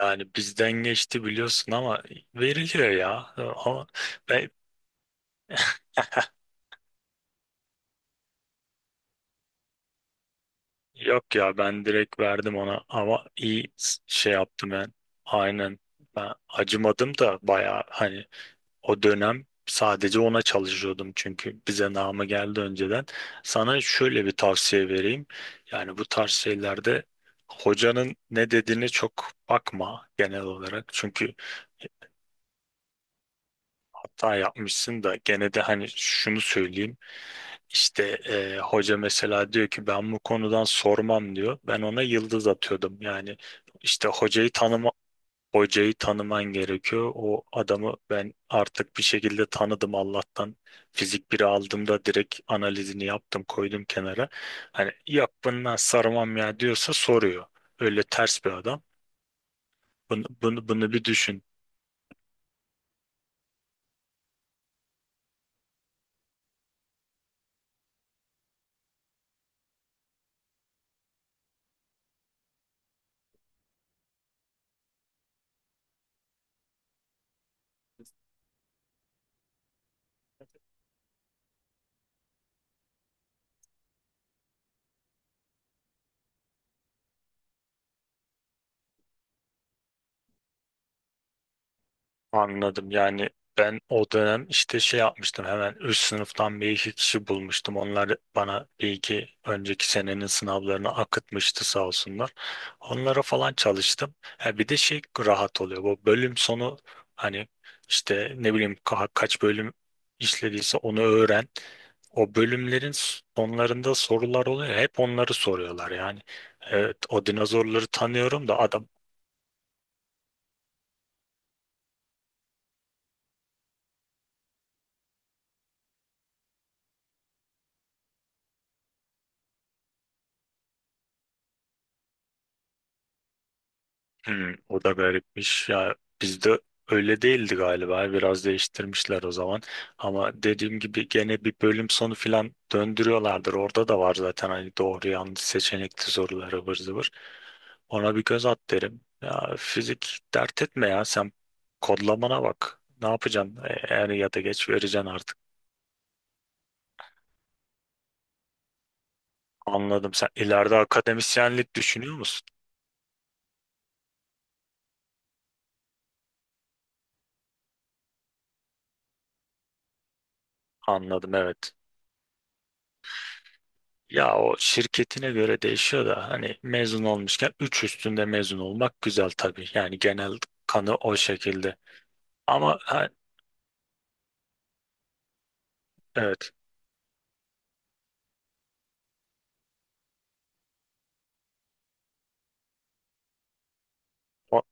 Yani bizden geçti biliyorsun ama veriliyor ya. Ama ben yok ya ben direkt verdim ona ama iyi şey yaptım ben. Aynen ben acımadım da bayağı hani o dönem sadece ona çalışıyordum çünkü bize namı geldi önceden. Sana şöyle bir tavsiye vereyim. Yani bu tarz şeylerde hocanın ne dediğine çok bakma genel olarak. Çünkü hata yapmışsın da gene de hani şunu söyleyeyim. İşte hoca mesela diyor ki ben bu konudan sormam diyor. Ben ona yıldız atıyordum. Yani işte hocayı tanıman gerekiyor. O adamı ben artık bir şekilde tanıdım Allah'tan. Fizik biri aldığımda direkt analizini yaptım, koydum kenara. Hani yok bundan sarmam ya diyorsa soruyor. Öyle ters bir adam. Bunu, bunu, bunu bir düşün. Anladım. Yani ben o dönem işte şey yapmıştım, hemen üst sınıftan bir iki kişi bulmuştum. Onlar bana bir iki önceki senenin sınavlarını akıtmıştı sağ olsunlar. Onlara falan çalıştım. Ha, bir de şey rahat oluyor. Bu bölüm sonu hani işte ne bileyim kaç bölüm işlediyse onu öğren. O bölümlerin sonlarında sorular oluyor. Hep onları soruyorlar yani. Evet, o dinozorları tanıyorum da adam. Hmm, o da garipmiş ya, bizde öyle değildi galiba, biraz değiştirmişler o zaman. Ama dediğim gibi gene bir bölüm sonu filan döndürüyorlardır, orada da var zaten hani doğru yanlış seçenekli soruları ıvır zıvır. Ona bir göz at derim ya, fizik dert etme ya sen, kodlamana bak. Ne yapacaksın, E, er ya da geç vereceksin artık. Anladım, sen ileride akademisyenlik düşünüyor musun? Anladım, evet. Ya o şirketine göre değişiyor da hani mezun olmuşken 3 üstünde mezun olmak güzel tabii. Yani genel kanı o şekilde. Ama ha, evet, o-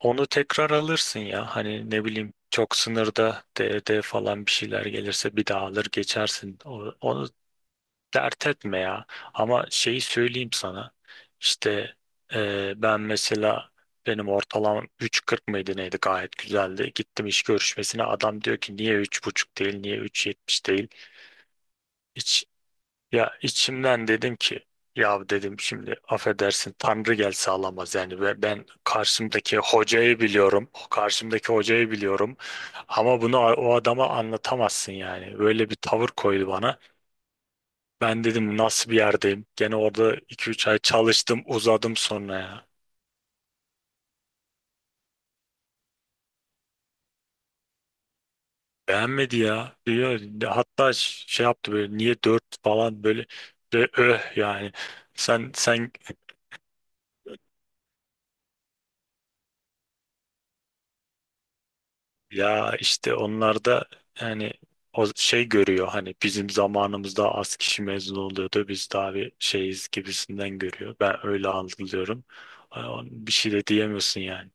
onu tekrar alırsın ya. Hani ne bileyim çok sınırda D D falan bir şeyler gelirse bir daha alır geçersin. O- Onu, dert etme ya. Ama şeyi söyleyeyim sana. İşte ben mesela benim ortalamam 3.40 mıydı neydi, gayet güzeldi. Gittim iş görüşmesine, adam diyor ki niye 3.5 değil, niye 3.70 değil. İç, ya içimden dedim ki, ya dedim şimdi affedersin Tanrı gelse alamaz yani ve ben karşımdaki hocayı biliyorum, karşımdaki hocayı biliyorum ama bunu o adama anlatamazsın yani, böyle bir tavır koydu bana. Ben dedim nasıl bir yerdeyim? Gene orada iki üç ay çalıştım, uzadım sonra ya. Beğenmedi ya. Diyor, hatta şey yaptı böyle, niye 4 falan böyle, ve öh yani. Sen ya işte onlar da yani o şey görüyor, hani bizim zamanımızda az kişi mezun oluyordu. Biz daha bir şeyiz gibisinden görüyor. Ben öyle algılıyorum. Ay, bir şey de diyemiyorsun yani.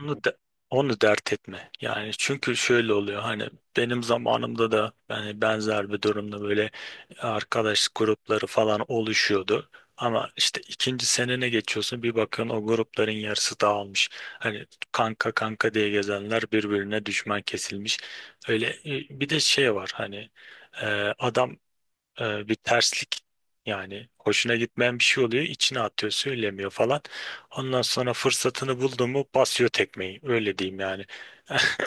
Onu, de- onu dert etme. Yani çünkü şöyle oluyor hani benim zamanımda da yani benzer bir durumda böyle arkadaş grupları falan oluşuyordu. Ama işte ikinci senene geçiyorsun bir bakın o grupların yarısı dağılmış. Hani kanka kanka diye gezenler birbirine düşman kesilmiş. Öyle bir de şey var hani e, adam bir terslik yani, hoşuna gitmeyen bir şey oluyor, içine atıyor söylemiyor falan, ondan sonra fırsatını buldu mu basıyor tekmeyi, öyle diyeyim yani.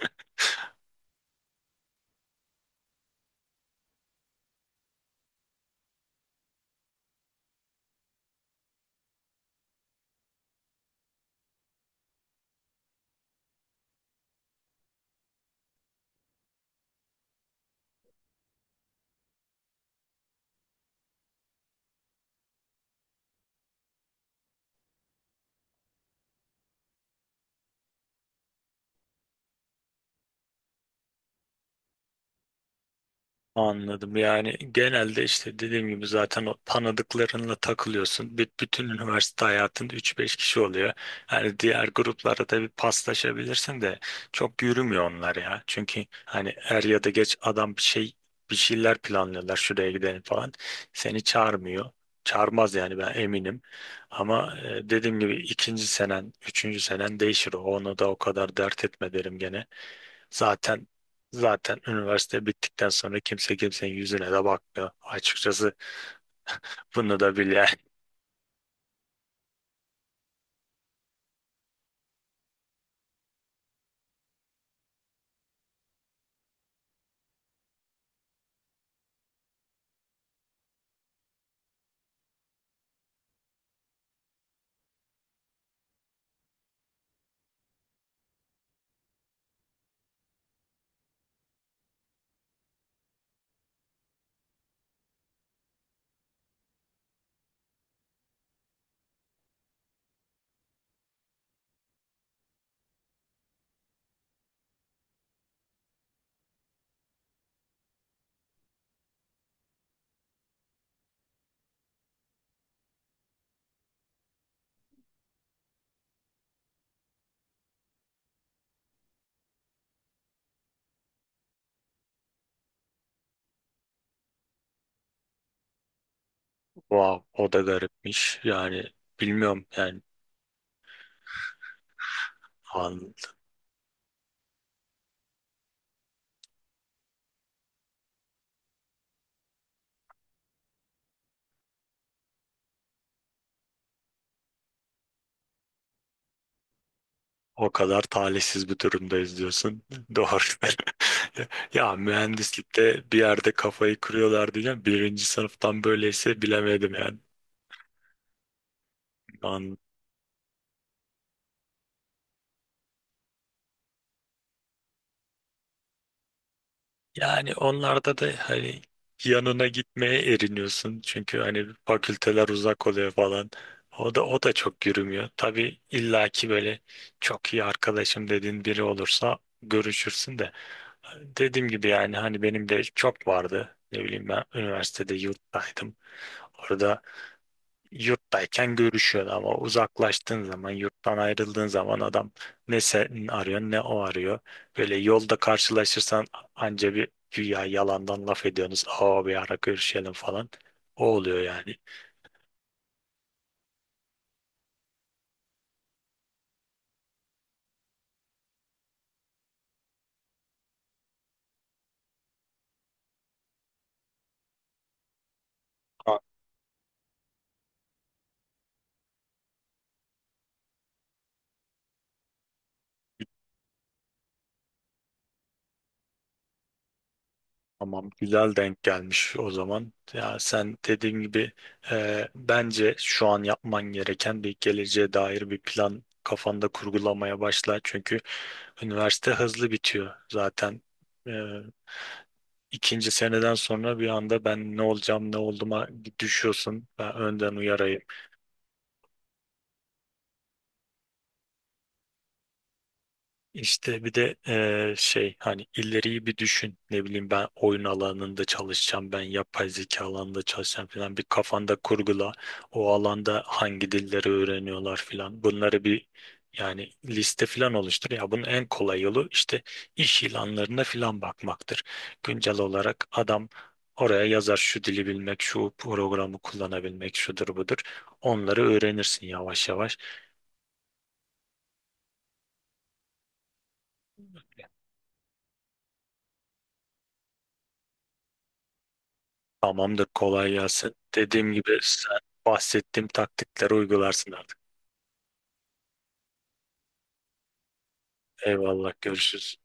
Anladım. Yani genelde işte dediğim gibi zaten o tanıdıklarınla takılıyorsun. Bütün üniversite hayatında üç beş kişi oluyor. Yani diğer gruplara da bir paslaşabilirsin de çok yürümüyor onlar ya. Çünkü hani er ya da geç adam bir şeyler planlıyorlar, şuraya gidelim falan. Seni çağırmıyor. Çağırmaz yani, ben eminim. Ama e, dediğim gibi ikinci senen, üçüncü senen değişir. Onu da o kadar dert etme derim gene. Zaten zaten üniversite bittikten sonra kimse kimsenin yüzüne de bakmıyor. Açıkçası bunu da bile wow, o da garipmiş. Yani bilmiyorum yani an- o kadar talihsiz bir durumdayız diyorsun. Doğru. Ya mühendislikte bir yerde kafayı kırıyorlar diyeceğim. Birinci sınıftan böyleyse bilemedim yani. Yani onlarda da hani yanına gitmeye eriniyorsun. Çünkü hani fakülteler uzak oluyor falan. O da o da çok yürümüyor. Tabii illaki böyle çok iyi arkadaşım dediğin biri olursa görüşürsün de. Dediğim gibi yani hani benim de çok vardı. Ne bileyim ben üniversitede yurttaydım. Orada yurttayken görüşüyordu ama uzaklaştığın zaman, yurttan ayrıldığın zaman adam ne sen arıyor ne o arıyor. Böyle yolda karşılaşırsan anca bir güya yalandan laf ediyorsunuz. Aa, bir ara görüşelim falan. O oluyor yani. A- Tamam, güzel denk gelmiş o zaman. Ya sen dediğim gibi e, bence şu an yapman gereken bir geleceğe dair bir plan kafanda kurgulamaya başla. Çünkü üniversite hızlı bitiyor zaten. İkinci seneden sonra bir anda ben ne olacağım, ne olduğuma düşüyorsun. Ben önden uyarayım. İşte bir de şey, hani ileriyi bir düşün. Ne bileyim ben oyun alanında çalışacağım, ben yapay zeka alanında çalışacağım falan. Bir kafanda kurgula. O alanda hangi dilleri öğreniyorlar falan. Bunları bir yani liste falan oluştur. Ya bunun en kolay yolu işte iş ilanlarına falan bakmaktır. Güncel olarak adam oraya yazar şu dili bilmek, şu programı kullanabilmek, şudur budur. Onları öğrenirsin yavaş yavaş. Tamamdır, kolay gelsin. Dediğim gibi sen bahsettiğim taktikleri uygularsın artık. Eyvallah, görüşürüz.